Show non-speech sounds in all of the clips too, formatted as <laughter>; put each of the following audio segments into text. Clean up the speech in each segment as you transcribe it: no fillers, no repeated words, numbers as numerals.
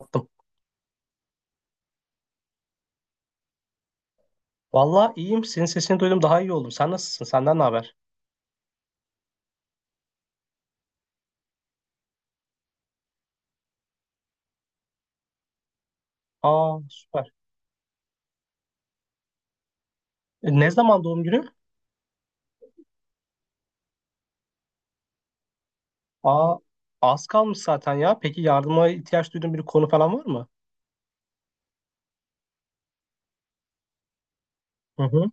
Attım. Vallahi iyiyim. Senin sesini duydum daha iyi oldum. Sen nasılsın? Senden ne haber? Aa süper. Ne zaman doğum günü? Aa az kalmış zaten ya. Peki yardıma ihtiyaç duyduğun bir konu falan var mı? Hı hı.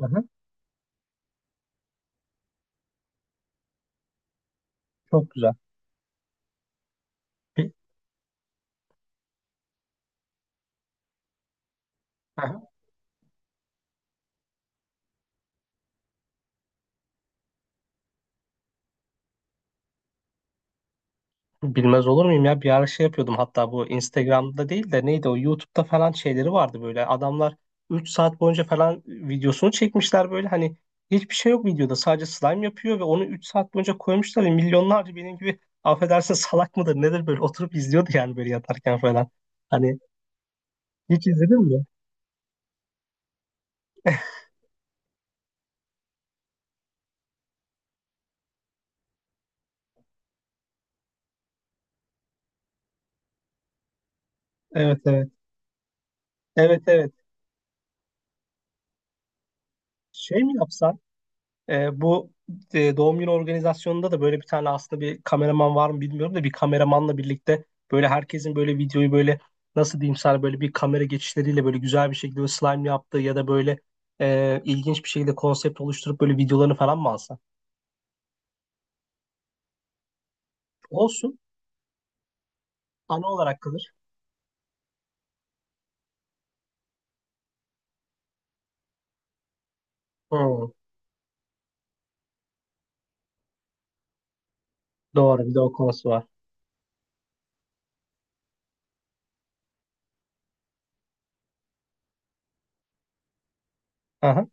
Hı hı. Çok güzel. Pe- Bilmez olur muyum ya bir ara şey yapıyordum hatta bu Instagram'da değil de neydi o YouTube'da falan şeyleri vardı böyle adamlar 3 saat boyunca falan videosunu çekmişler böyle hani hiçbir şey yok videoda sadece slime yapıyor ve onu 3 saat boyunca koymuşlar ve milyonlarca benim gibi <laughs> affedersin salak mıdır nedir böyle oturup izliyordu yani böyle yatarken falan hani hiç izledin mi? Evet, evet, evet, evet. Şey mi yapsan Bu doğum günü organizasyonunda da böyle bir tane aslında bir kameraman var mı bilmiyorum da bir kameramanla birlikte böyle herkesin böyle videoyu böyle nasıl diyeyim sana böyle bir kamera geçişleriyle böyle güzel bir şekilde böyle slime yaptığı ya da böyle ilginç bir şekilde konsept oluşturup böyle videolarını falan mı alsa? Olsun. Ana olarak kalır. Hmm, doğru bir de o konusu var. Aha,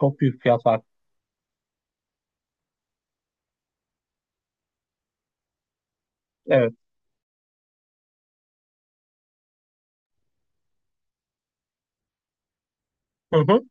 çok büyük fiyat farkı. Evet. Hı hı.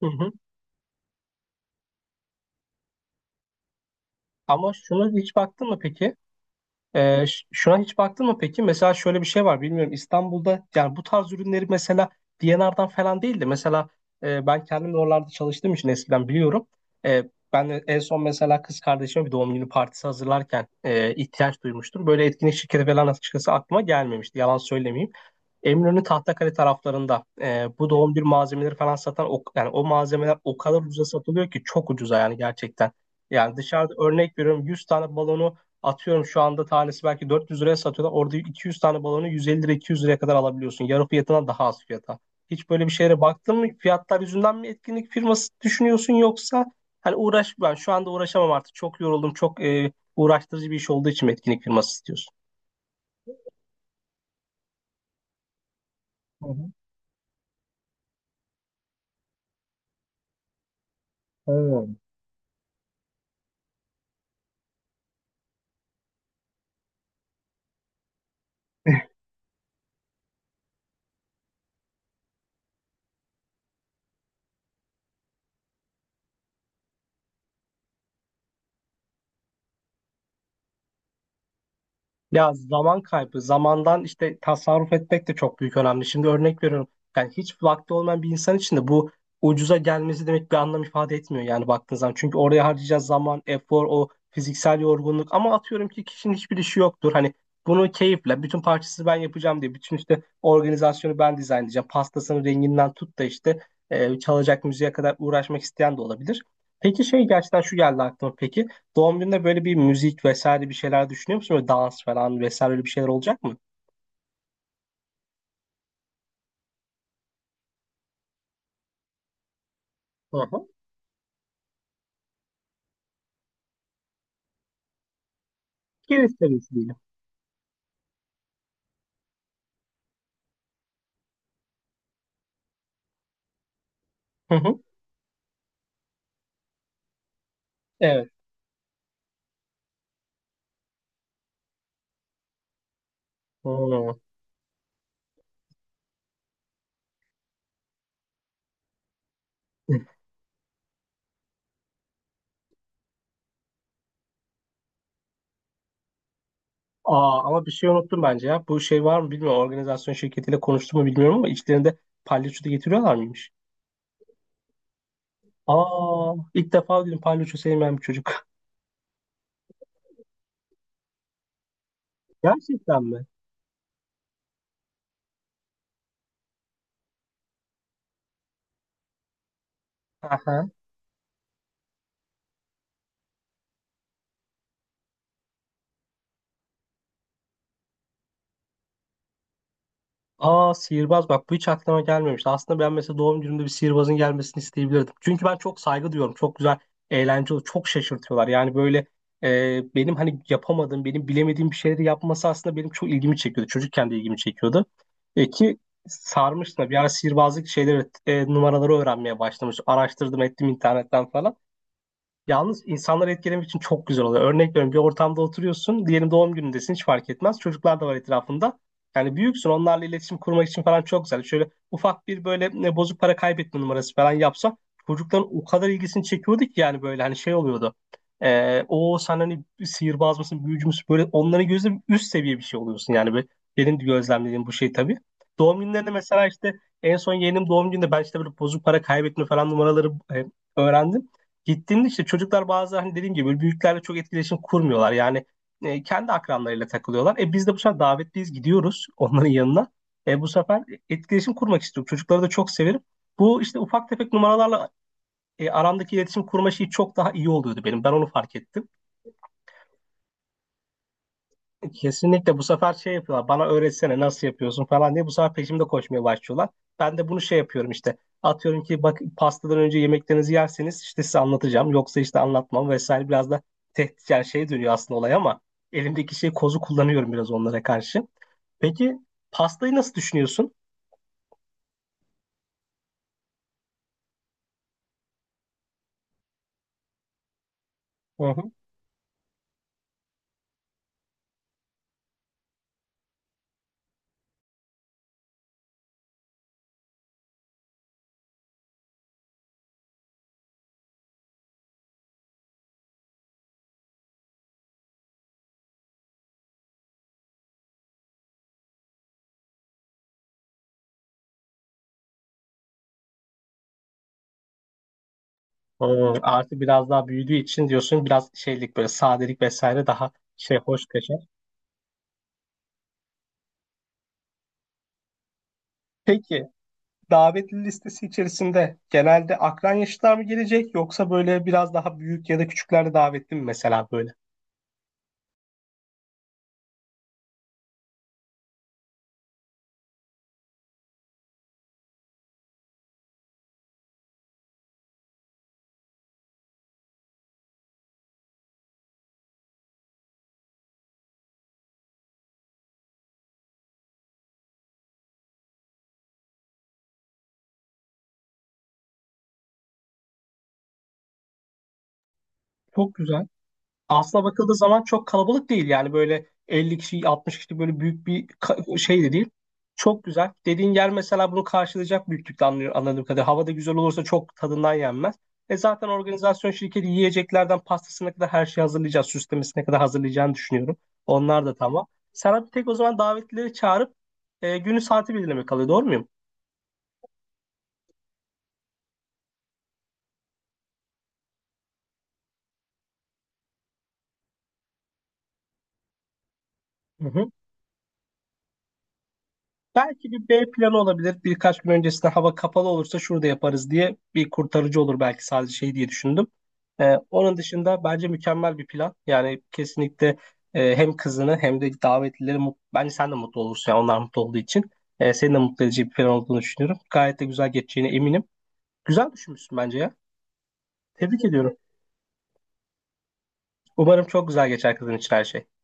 Hı hı. Ama şuna hiç baktın mı peki? Şuna hiç baktın mı peki? Mesela şöyle bir şey var bilmiyorum. İstanbul'da yani bu tarz ürünleri mesela D&R'dan falan değil de mesela ben kendim de oralarda çalıştığım için eskiden biliyorum. E, Ben de en son mesela kız kardeşime bir doğum günü partisi hazırlarken ihtiyaç duymuştum. Böyle etkinlik şirketi falan açıkçası aklıma gelmemişti. Yalan söylemeyeyim. Eminönü Tahtakale taraflarında bu doğum bir malzemeleri falan satan yani o malzemeler o kadar ucuza satılıyor ki çok ucuza yani gerçekten. Yani dışarıda örnek veriyorum 100 tane balonu atıyorum şu anda tanesi belki 400 liraya satıyorlar. Orada 200 tane balonu 150 lira 200 liraya kadar alabiliyorsun. Yarı fiyatına daha az fiyata. Hiç böyle bir şeylere baktın mı? Fiyatlar yüzünden mi etkinlik firması düşünüyorsun yoksa hani uğraş ben şu anda uğraşamam artık. Çok yoruldum. Çok uğraştırıcı bir iş olduğu için mi etkinlik firması istiyorsun? Hı hı. Evet. Ya zaman kaybı, zamandan işte tasarruf etmek de çok büyük önemli. Şimdi örnek veriyorum. Yani hiç vakti olmayan bir insan için de bu ucuza gelmesi demek bir anlam ifade etmiyor yani baktığın zaman. Çünkü oraya harcayacağız zaman, efor, o fiziksel yorgunluk. Ama atıyorum ki kişinin hiçbir işi yoktur. Hani bunu keyifle, bütün parçası ben yapacağım diye, bütün işte organizasyonu ben dizayn edeceğim. Pastasının renginden tut da işte çalacak müziğe kadar uğraşmak isteyen de olabilir. Peki şey gerçekten şu geldi aklıma peki. Doğum gününde böyle bir müzik vesaire bir şeyler düşünüyor musun? Böyle dans falan vesaire öyle bir şeyler olacak mı? Hı hı. Gerisi seviyesi diyelim. Hı hı. Evet. Hmm. Aa, ama bir şey unuttum bence ya. Bu şey var mı bilmiyorum. Organizasyon şirketiyle konuştum mu bilmiyorum ama içlerinde palyaço da getiriyorlar mıymış? Aa, ilk defa duydum palyaço sevmeyen bir çocuk. <laughs> Gerçekten mi? <laughs> Aa, sihirbaz bak bu hiç aklıma gelmemişti. Aslında ben mesela doğum günümde bir sihirbazın gelmesini isteyebilirdim. Çünkü ben çok saygı duyuyorum. Çok güzel, eğlenceli, çok şaşırtıyorlar. Yani böyle benim hani yapamadığım, benim bilemediğim bir şeyleri yapması aslında benim çok ilgimi çekiyordu. Çocukken de ilgimi çekiyordu. Ki sarmıştım da. Bir ara sihirbazlık şeyleri, numaraları öğrenmeye başlamış. Araştırdım ettim internetten falan. Yalnız insanları etkilemek için çok güzel oluyor. Örnek veriyorum bir ortamda oturuyorsun. Diyelim doğum günündesin hiç fark etmez. Çocuklar da var etrafında. Yani büyüksün onlarla iletişim kurmak için falan çok güzel. Şöyle ufak bir böyle bozuk para kaybetme numarası falan yapsa çocukların o kadar ilgisini çekiyordu ki yani böyle hani şey oluyordu. O sen hani sihirbaz mısın büyücü müsün böyle onların gözünde üst seviye bir şey oluyorsun yani. Böyle benim gözlemlediğim bu şey tabii. Doğum günlerinde mesela işte en son yeğenim doğum gününde ben işte böyle bozuk para kaybetme falan numaraları öğrendim. Gittiğimde işte çocuklar bazı hani dediğim gibi böyle büyüklerle çok etkileşim kurmuyorlar. Yani kendi akranlarıyla takılıyorlar. E biz de bu sefer davetliyiz gidiyoruz onların yanına. E bu sefer etkileşim kurmak istiyorum. Çocukları da çok severim. Bu işte ufak tefek numaralarla aramdaki iletişim kurma şeyi çok daha iyi oluyordu benim. Ben onu fark ettim. Kesinlikle bu sefer şey yapıyorlar bana öğretsene nasıl yapıyorsun falan diye bu sefer peşimde koşmaya başlıyorlar. Ben de bunu şey yapıyorum işte atıyorum ki bak pastadan önce yemeklerinizi yerseniz işte size anlatacağım yoksa işte anlatmam vesaire biraz da tehdit yani şey dönüyor aslında olay ama elimdeki şey kozu kullanıyorum biraz onlara karşı. Peki pastayı nasıl düşünüyorsun? Hı hı. Artık biraz daha büyüdüğü için diyorsun biraz şeylik böyle sadelik vesaire daha şey hoş kaçar. Peki davetli listesi içerisinde genelde akran yaşlılar mı gelecek yoksa böyle biraz daha büyük ya da küçükler de davetli mi mesela böyle? Çok güzel. Aslına bakıldığı zaman çok kalabalık değil yani böyle 50 kişi 60 kişi böyle büyük bir şey de değil. Çok güzel. Dediğin yer mesela bunu karşılayacak büyüklükte anlıyor, anladığım kadarıyla. Hava da güzel olursa çok tadından yenmez. E zaten organizasyon şirketi yiyeceklerden pastasına kadar her şeyi hazırlayacağız. Süslemesine kadar hazırlayacağını düşünüyorum. Onlar da tamam. Sana bir tek o zaman davetlileri çağırıp günü saati belirlemek kalıyor. Doğru muyum? Hı hı. Belki bir B planı olabilir. Birkaç gün öncesinde hava kapalı olursa şurada yaparız diye bir kurtarıcı olur belki sadece şey diye düşündüm. Onun dışında bence mükemmel bir plan. Yani kesinlikle hem kızını hem de davetlileri bence sen de mutlu olursun. Yani onlar mutlu olduğu için. Seni de mutlu edici bir plan olduğunu düşünüyorum. Gayet de güzel geçeceğine eminim. Güzel düşünmüşsün bence ya. Tebrik ediyorum. Umarım çok güzel geçer kızın için her şey.